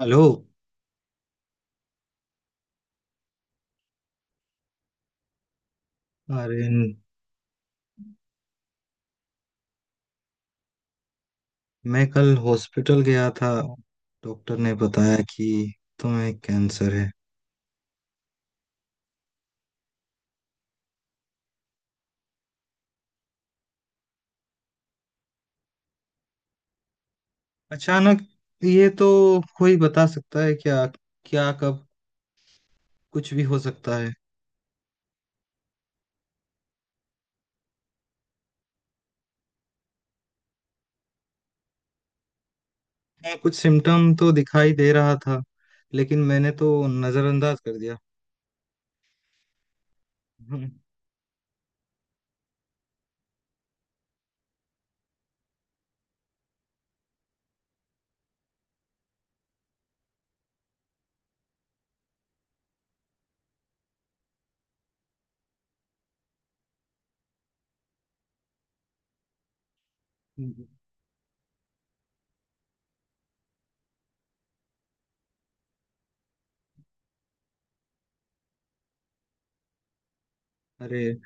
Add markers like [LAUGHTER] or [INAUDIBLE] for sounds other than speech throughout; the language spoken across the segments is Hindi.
हेलो। अरे, मैं कल हॉस्पिटल गया था। डॉक्टर ने बताया कि तुम्हें कैंसर है। अचानक ये तो कोई बता सकता है क्या, क्या कब? कुछ भी हो सकता है। हाँ, कुछ सिम्टम तो दिखाई दे रहा था, लेकिन मैंने तो नजरअंदाज कर दिया। [LAUGHS] हम्म। अरे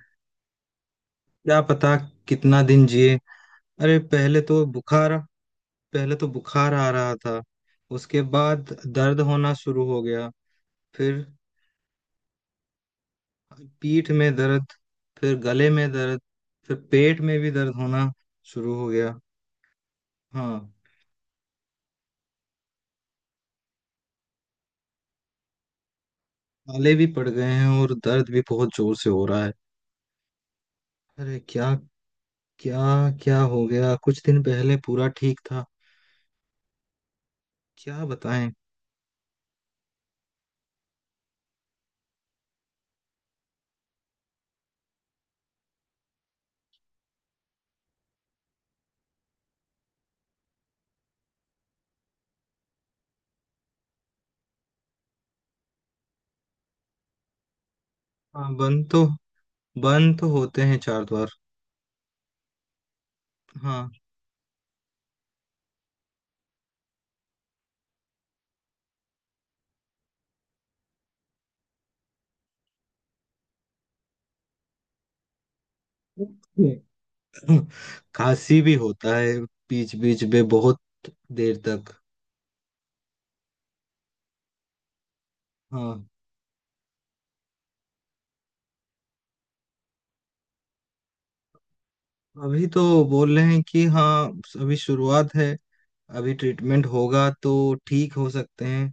क्या पता कितना दिन जिए। अरे पहले तो बुखार आ रहा था। उसके बाद दर्द होना शुरू हो गया। फिर पीठ में दर्द, फिर गले में दर्द, फिर पेट में भी दर्द होना शुरू हो गया। हाँ, छाले भी पड़ गए हैं और दर्द भी बहुत जोर से हो रहा है। अरे क्या क्या क्या हो गया? कुछ दिन पहले पूरा ठीक था। क्या बताएं। हाँ बंद तो होते हैं चार द्वार। हाँ। [LAUGHS] खांसी भी होता है बीच बीच में, बहुत देर तक। हाँ अभी तो बोल रहे हैं कि हाँ, अभी शुरुआत है। अभी ट्रीटमेंट होगा तो ठीक हो सकते हैं।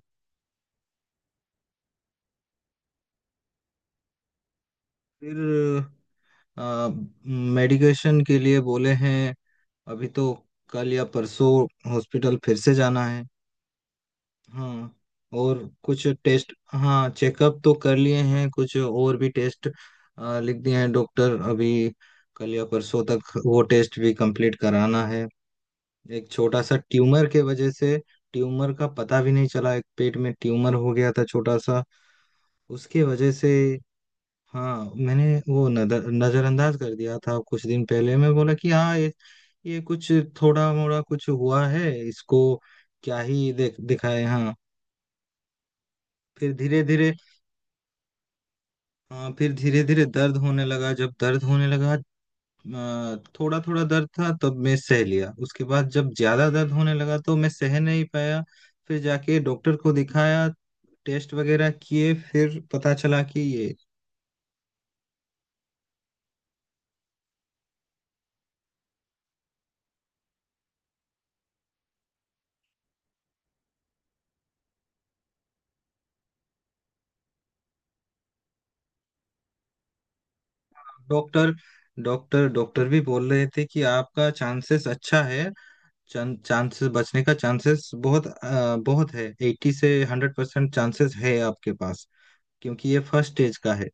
फिर मेडिकेशन के लिए बोले हैं। अभी तो कल या परसों हॉस्पिटल फिर से जाना है। हाँ। और कुछ टेस्ट, हाँ चेकअप तो कर लिए हैं, कुछ और भी टेस्ट लिख दिए हैं डॉक्टर अभी। कल या परसों तक वो टेस्ट भी कंप्लीट कराना है। एक छोटा सा ट्यूमर के वजह से ट्यूमर का पता भी नहीं चला। एक पेट में ट्यूमर हो गया था छोटा सा। उसके वजह से, हाँ मैंने वो नजरअंदाज कर दिया था। कुछ दिन पहले मैं बोला कि हाँ, ये कुछ थोड़ा मोड़ा कुछ हुआ है इसको, क्या ही देख दिखाए। हाँ फिर धीरे धीरे, हाँ फिर धीरे धीरे दर्द होने लगा। जब दर्द होने लगा, थोड़ा थोड़ा दर्द था तब मैं सह लिया। उसके बाद जब ज्यादा दर्द होने लगा तो मैं सह नहीं पाया। फिर जाके डॉक्टर को दिखाया, टेस्ट वगैरह किए, फिर पता चला कि ये डॉक्टर डॉक्टर डॉक्टर भी बोल रहे थे कि आपका चांसेस अच्छा है। चांसेस बचने का चांसेस बहुत बहुत है। 80 से 100% चांसेस है आपके पास, क्योंकि ये फर्स्ट स्टेज का है।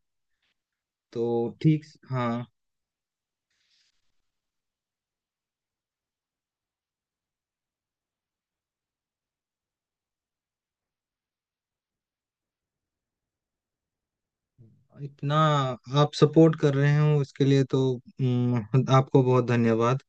तो ठीक, हाँ। इतना आप सपोर्ट कर रहे हो इसके लिए तो आपको बहुत धन्यवाद।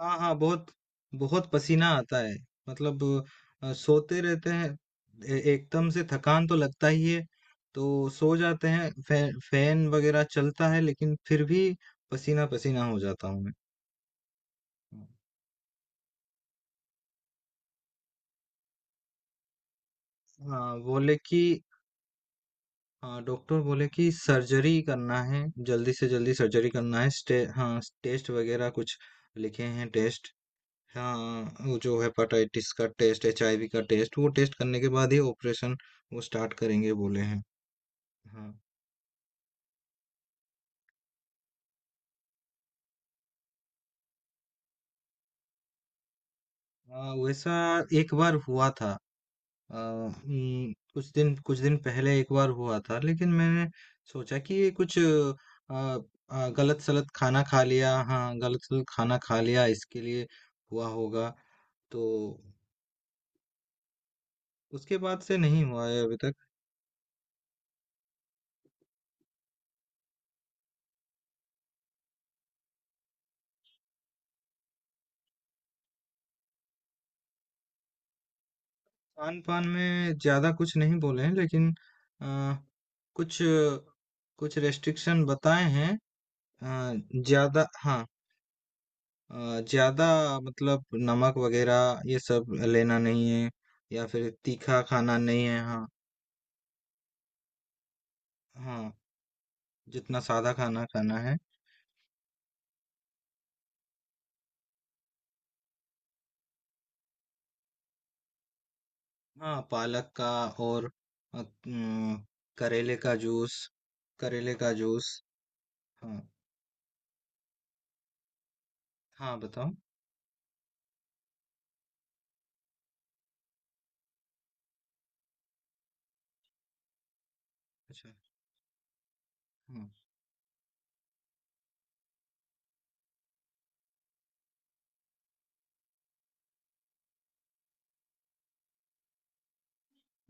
हाँ हाँ, बहुत, बहुत पसीना आता है। मतलब सोते रहते हैं। एकदम से थकान तो लगता ही है। तो सो जाते हैं, फैन वगैरह चलता है, लेकिन फिर भी पसीना पसीना हो जाता हूँ मैं। हाँ बोले कि हाँ, डॉक्टर बोले कि सर्जरी करना है, जल्दी से जल्दी सर्जरी करना है। हाँ टेस्ट वगैरह कुछ लिखे हैं टेस्ट। हाँ, वो जो हेपाटाइटिस का टेस्ट, एचआईवी का टेस्ट, वो टेस्ट करने के बाद ही ऑपरेशन वो स्टार्ट करेंगे बोले हैं। हाँ। वैसा एक बार हुआ था। कुछ दिन पहले एक बार हुआ था, लेकिन मैंने सोचा कि ये कुछ आ, आ, गलत सलत खाना खा लिया। हाँ गलत सलत खाना खा लिया इसके लिए हुआ होगा। तो उसके बाद से नहीं हुआ है अभी तक। खान पान में ज्यादा कुछ नहीं बोले हैं, लेकिन आ, कुछ कुछ रेस्ट्रिक्शन बताए हैं। आ, ज्यादा, हाँ ज़्यादा मतलब नमक वग़ैरह ये सब लेना नहीं है, या फिर तीखा खाना नहीं है। हाँ, हाँ, जितना सादा खाना खाना है। हाँ, पालक का, और अ, उम, करेले का जूस। करेले का जूस। हाँ, हाँ, बताओ? अच्छा, हाँ।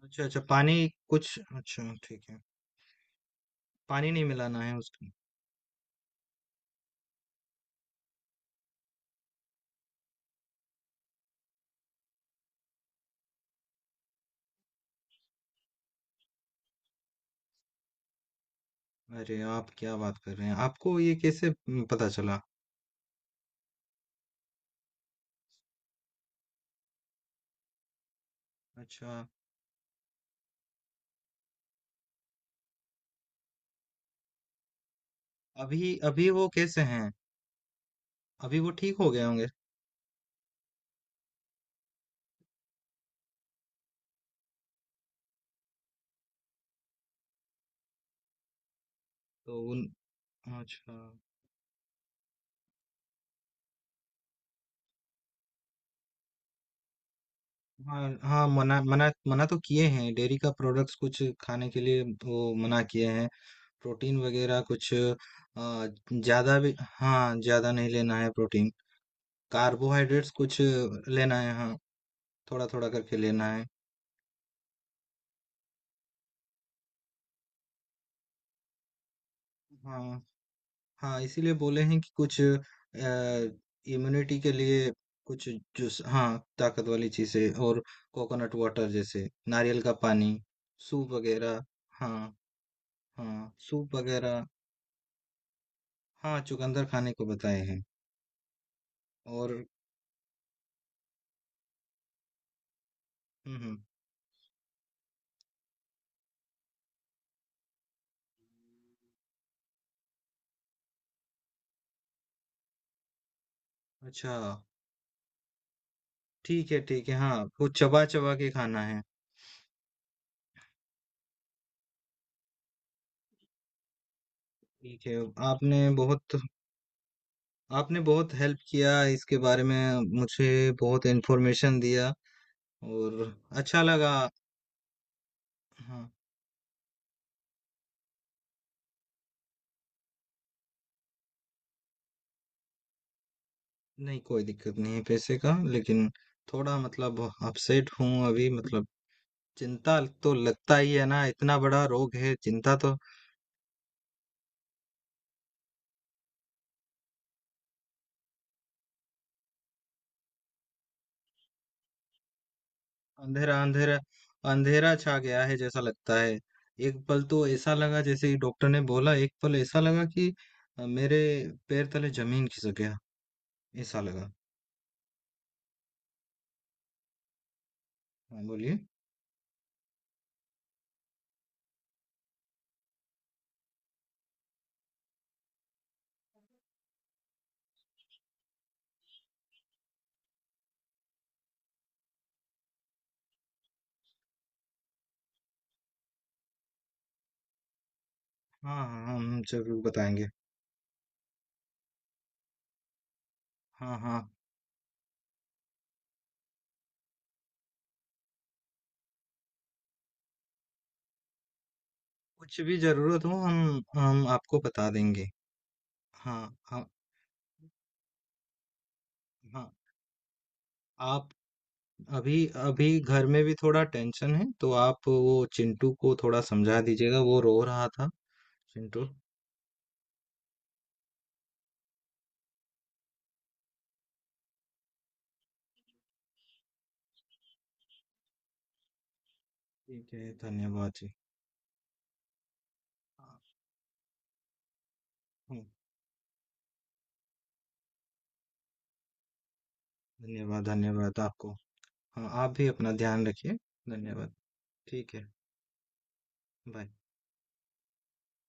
अच्छा, अच्छा पानी कुछ अच्छा ठीक है। पानी नहीं मिलाना है उसमें? अरे! आप क्या बात कर रहे हैं? आपको ये कैसे पता चला? अच्छा। अभी अभी वो कैसे हैं? अभी वो ठीक हो गए होंगे? तो उन, अच्छा। हाँ हाँ, मना मना मना तो किए हैं, डेयरी का प्रोडक्ट्स कुछ खाने के लिए वो मना किए हैं। प्रोटीन वगैरह कुछ ज्यादा भी, हाँ ज्यादा नहीं लेना है प्रोटीन। कार्बोहाइड्रेट्स कुछ लेना है, हाँ थोड़ा थोड़ा करके लेना है। हाँ हाँ इसीलिए बोले हैं कि कुछ इम्यूनिटी के लिए कुछ जूस, हाँ, ताकत वाली चीजें, और कोकोनट वाटर, जैसे नारियल का पानी, सूप वगैरह। हाँ। हाँ, सूप वगैरह। हाँ, चुकंदर खाने को बताए हैं और, हुँ, हुँ। अच्छा, ठीक है, ठीक है। हाँ, वो चबा-चबा के खाना है। ठीक है, आपने बहुत आपने बहुत हेल्प किया, इसके बारे में मुझे बहुत इन्फॉर्मेशन दिया, और अच्छा लगा। हाँ, नहीं कोई दिक्कत नहीं है पैसे का, लेकिन थोड़ा मतलब अपसेट हूँ अभी, मतलब चिंता तो लगता ही है ना, इतना बड़ा रोग है, चिंता तो अंधेरा, अंधेरा, अंधेरा छा गया है जैसा लगता है। एक पल तो ऐसा लगा, जैसे ही डॉक्टर ने बोला एक पल ऐसा लगा कि मेरे पैर तले जमीन खिसक गया, ऐसा लगा। हाँ बोलिए। हाँ हाँ हाँ, हम जरूर बताएंगे। हाँ हाँ, कुछ भी जरूरत हो हम आपको बता देंगे। हाँ, हाँ, हाँ। आप अभी अभी घर में भी थोड़ा टेंशन है, तो आप वो चिंटू को थोड़ा समझा दीजिएगा, वो रो रहा था। चिंटू। ठीक है, धन्यवाद जी। हाँ, हाँ। धन्यवाद, धन्यवाद आपको। हाँ, आप भी अपना ध्यान रखिए। धन्यवाद। ठीक है, बाय।